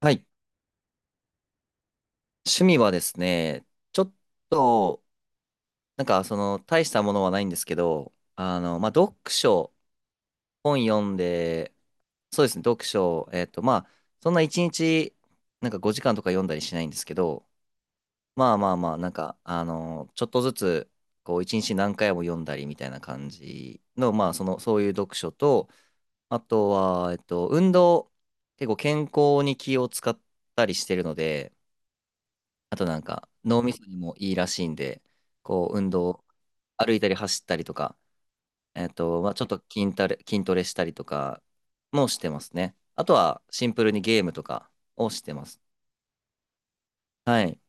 はい。趣味はですね、ちょっと、なんかその、大したものはないんですけど、まあ、読書、本読んで、そうですね、読書、まあ、そんな1日、なんか5時間とか読んだりしないんですけど、まあまあまあ、なんか、ちょっとずつ、こう、1日何回も読んだりみたいな感じの、まあ、その、そういう読書と、あとは、運動、結構健康に気を使ったりしてるので、あとなんか脳みそにもいいらしいんで、こう運動、歩いたり走ったりとか、まあ、ちょっと筋トレしたりとかもしてますね。あとはシンプルにゲームとかをしてます。はい。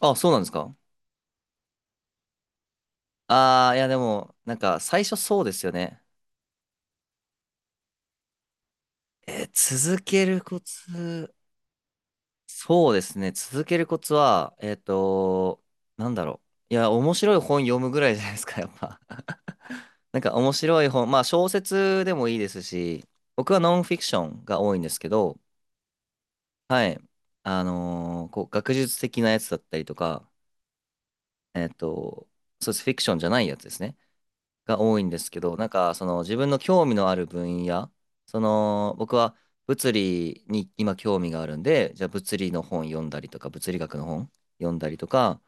あ、そうなんですか？ああいやでも、なんか最初そうですよね。続けるコツ。そうですね。続けるコツは、なんだろう。いや、面白い本読むぐらいじゃないですか、やっぱ。なんか面白い本、まあ小説でもいいですし、僕はノンフィクションが多いんですけど、はい。こう、学術的なやつだったりとか、えっと、そうです。フィクションじゃないやつですね。が多いんですけど、なんかその自分の興味のある分野、その僕は物理に今興味があるんで、じゃあ物理の本読んだりとか、物理学の本読んだりとか、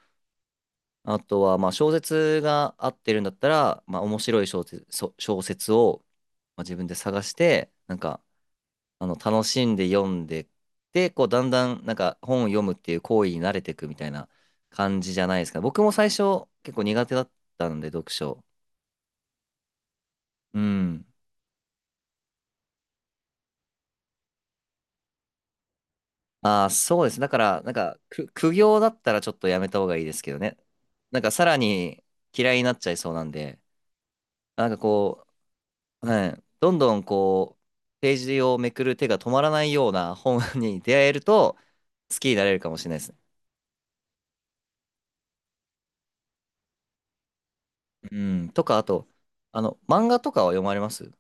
あとはまあ小説が合ってるんだったら、まあ面白い小説、小説をまあ自分で探して、なんか楽しんで読んで、で、こうだんだんなんか本を読むっていう行為に慣れていくみたいな感じじゃないですか。僕も最初結構苦手だったんで、読書。うん。ああ、そうです。だから、なんか、苦行だったらちょっとやめた方がいいですけどね。なんか、さらに嫌いになっちゃいそうなんで、なんかこう、はい、どんどんこう、ページをめくる手が止まらないような本 に出会えると、好きになれるかもしれないですね。うん。とか、あと、漫画とかは読まれます？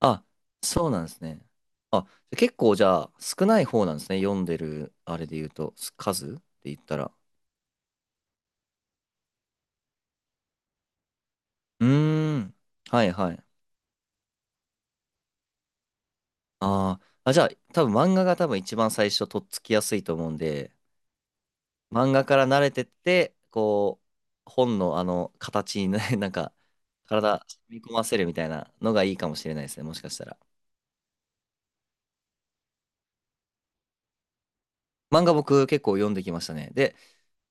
あ、そうなんですね。あ、結構じゃあ、少ない方なんですね。読んでる、あれで言うと、数って言ったら。うーん。はいはい。あーあ、じゃあ、多分漫画が多分一番最初とっつきやすいと思うんで、漫画から慣れてって、こう、本の形にね、なんか、体、染み込ませるみたいなのがいいかもしれないですね、もしかしたら。漫画僕結構読んできましたね。で、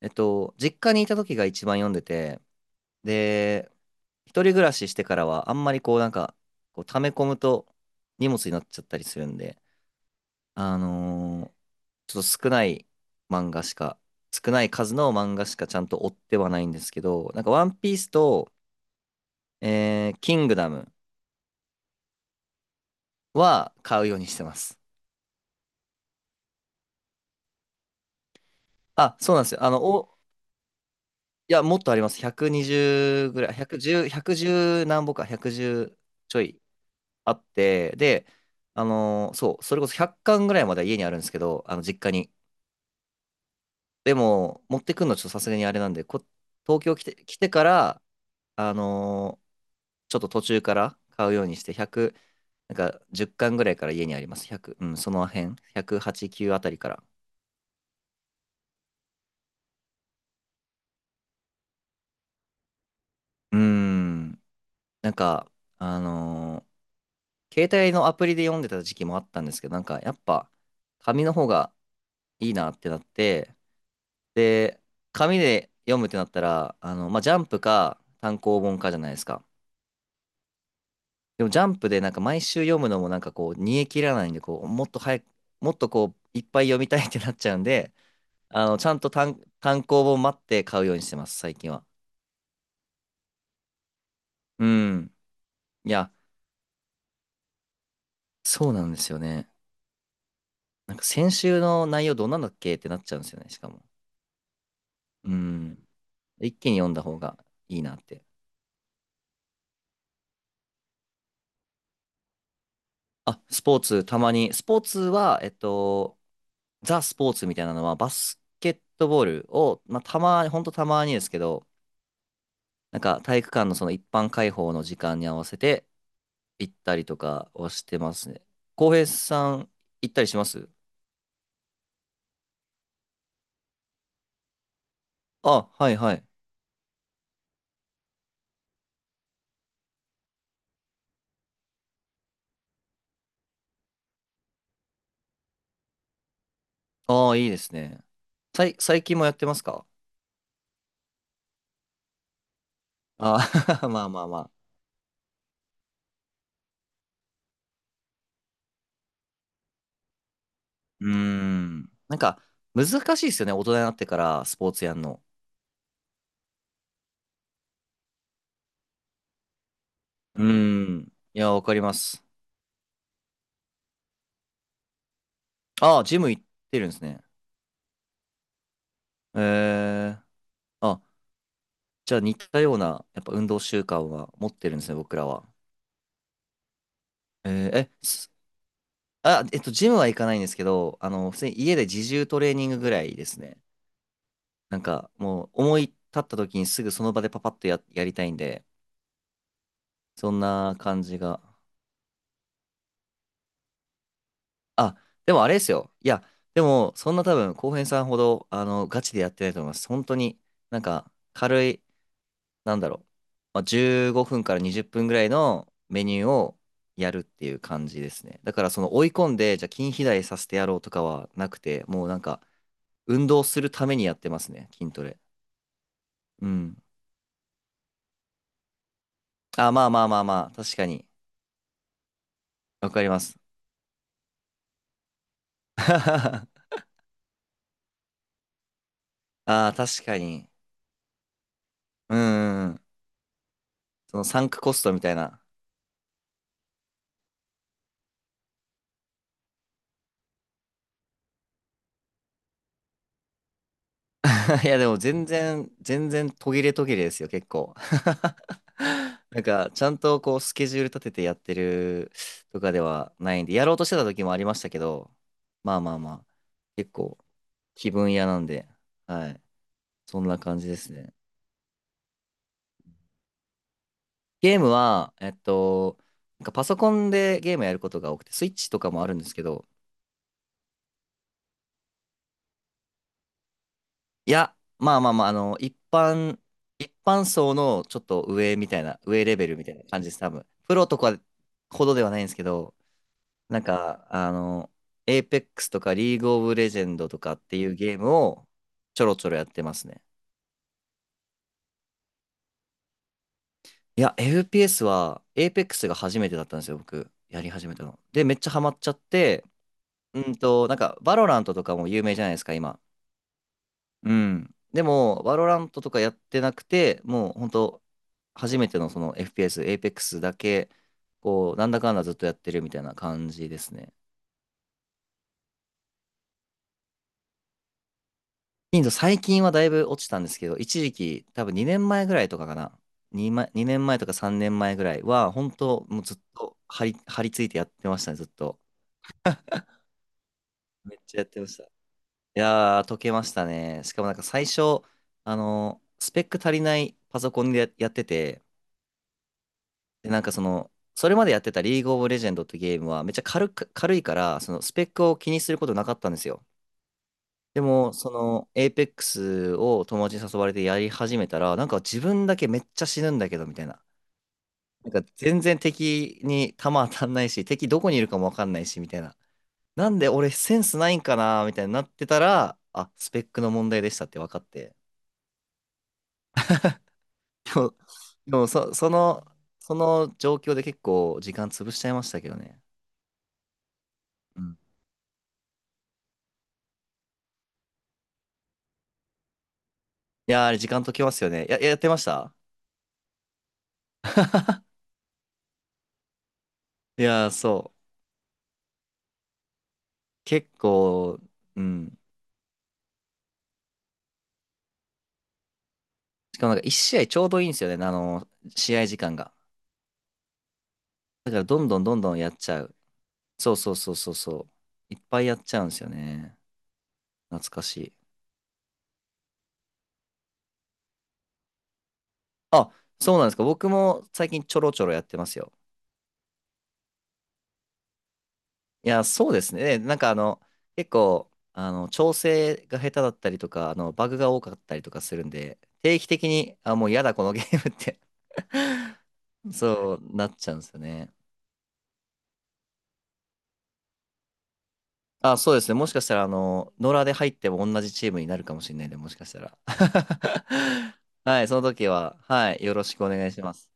実家にいた時が一番読んでて、で、一人暮らししてからはあんまりこうなんか、こう溜め込むと荷物になっちゃったりするんで、あのーちょっと少ない漫画しか、少ない数の漫画しかちゃんと追ってはないんですけど、なんかワンピースと、キングダムは買うようにしてます。あ、そうなんですよ。いや、もっとあります。120ぐらい、110、1何本か、110ちょいあって、で、そう、それこそ100巻ぐらいまでは家にあるんですけど、あの、実家に。でも、持ってくんのちょっとさすがにあれなんで、東京来て、来てから、あのーちょっと途中から買うようにして、100、なんか10巻ぐらいから家にあります。100、うん、その辺、108、9あたりから。うーん、なんか、あのー携帯のアプリで読んでた時期もあったんですけど、なんかやっぱ紙の方がいいなってなって、で、紙で読むってなったら、まあ、ジャンプか単行本かじゃないですか。でもジャンプでなんか毎週読むのもなんかこう、煮え切らないんで、こう、もっと早く、もっとこう、いっぱい読みたいってなっちゃうんで、ちゃんと単行本待って買うようにしてます、最近は。うん。いや、そうなんですよね。なんか先週の内容どんなんだっけってなっちゃうんですよね、しかも。うん。一気に読んだ方がいいなって。あ、スポーツ、たまに。スポーツは、ザ・スポーツみたいなのは、バスケットボールを、まあ、たまに、ほんとたまにですけど、なんか体育館のその一般開放の時間に合わせて行ったりとかをしてますね。浩平さん、行ったりします？あ、はいはい。ああ、いいですね。最近もやってますか？ああ、まあまあまあ。うーん。なんか、難しいですよね。大人になってから、スポーツやんの。うーん。いや、わかります。ああ、ジム行ってるんですね。ええ。あ、じゃあ似たような、やっぱ運動習慣は持ってるんですね、僕らは。えー、え、すあ、ジムは行かないんですけど、普通に家で自重トレーニングぐらいですね。なんか、もう、思い立った時にすぐその場でパパッとやりたいんで、そんな感じが。あ、でもあれですよ。いや、でも、そんな多分、浩平さんほど、ガチでやってないと思います。本当に、なんか、軽い、なんだろう、まあ、15分から20分ぐらいのメニューをやるっていう感じですね。だから、その追い込んで、じゃあ筋肥大させてやろうとかはなくて、もうなんか、運動するためにやってますね、筋トレ。うん。あ、まあまあまあまあ、確かに、わかります。ああ、確かに。うんうんうん。そのサンクコストみたいな。いや、でも全然、全然途切れ途切れですよ、結構。なんか、ちゃんとこう、スケジュール立ててやってるとかではないんで、やろうとしてた時もありましたけど、まあまあまあ、結構、気分屋なんで、はい。そんな感じですね。ゲームは、なんかパソコンでゲームやることが多くて、スイッチとかもあるんですけど、いや、まあまあまあ、一般層のちょっと上みたいな、上レベルみたいな感じです、多分。プロとかほどではないんですけど、なんか、エイペックスとかリーグオブレジェンドとかっていうゲームをちょろちょろやってますね。いや、FPS は、エイペックスが初めてだったんですよ、僕。やり始めたの。で、めっちゃハマっちゃって、なんか、バロラントとかも有名じゃないですか、今。うん。でも、バロラントとかやってなくて、もう本当初めてのその FPS、Apex だけ、こう、なんだかんだずっとやってるみたいな感じですね。頻度最近はだいぶ落ちたんですけど、一時期、多分2年前ぐらいとかかな。2、2年前とか3年前ぐらいは、本当もうずっと張り付いてやってましたね、ずっと。めっちゃやってました。いやー、解けましたね。しかもなんか最初、スペック足りないパソコンでやってて、で、なんかその、それまでやってたリーグオブレジェンドってゲームはめっちゃ軽く、軽いから、そのスペックを気にすることなかったんですよ。でも、その、エイペックスを友達に誘われてやり始めたら、なんか自分だけめっちゃ死ぬんだけど、みたいな。なんか全然敵に弾当たんないし、敵どこにいるかもわかんないし、みたいな。なんで俺センスないんかな、みたいになってたら、あ、スペックの問題でしたって分かって。でも、でも、その、その状況で結構時間潰しちゃいましたけどね。うん。いやー、あれ時間解きますよね。やってました？いやー、そう。結構、うん。しかもなんか一試合ちょうどいいんですよね。試合時間が。だからどんどんどんどんやっちゃう。そうそうそうそうそう。いっぱいやっちゃうんですよね。懐かしい。あ、そうなんですか。僕も最近ちょろちょろやってますよ。いやそうですね。なんか結構、調整が下手だったりとか、バグが多かったりとかするんで、定期的に、あ、もう嫌だ、このゲームって そうなっちゃうんですよね。あ、そうですね。もしかしたら、野良で入っても同じチームになるかもしれないんで、もしかしたら。はい、その時は、はい、よろしくお願いします。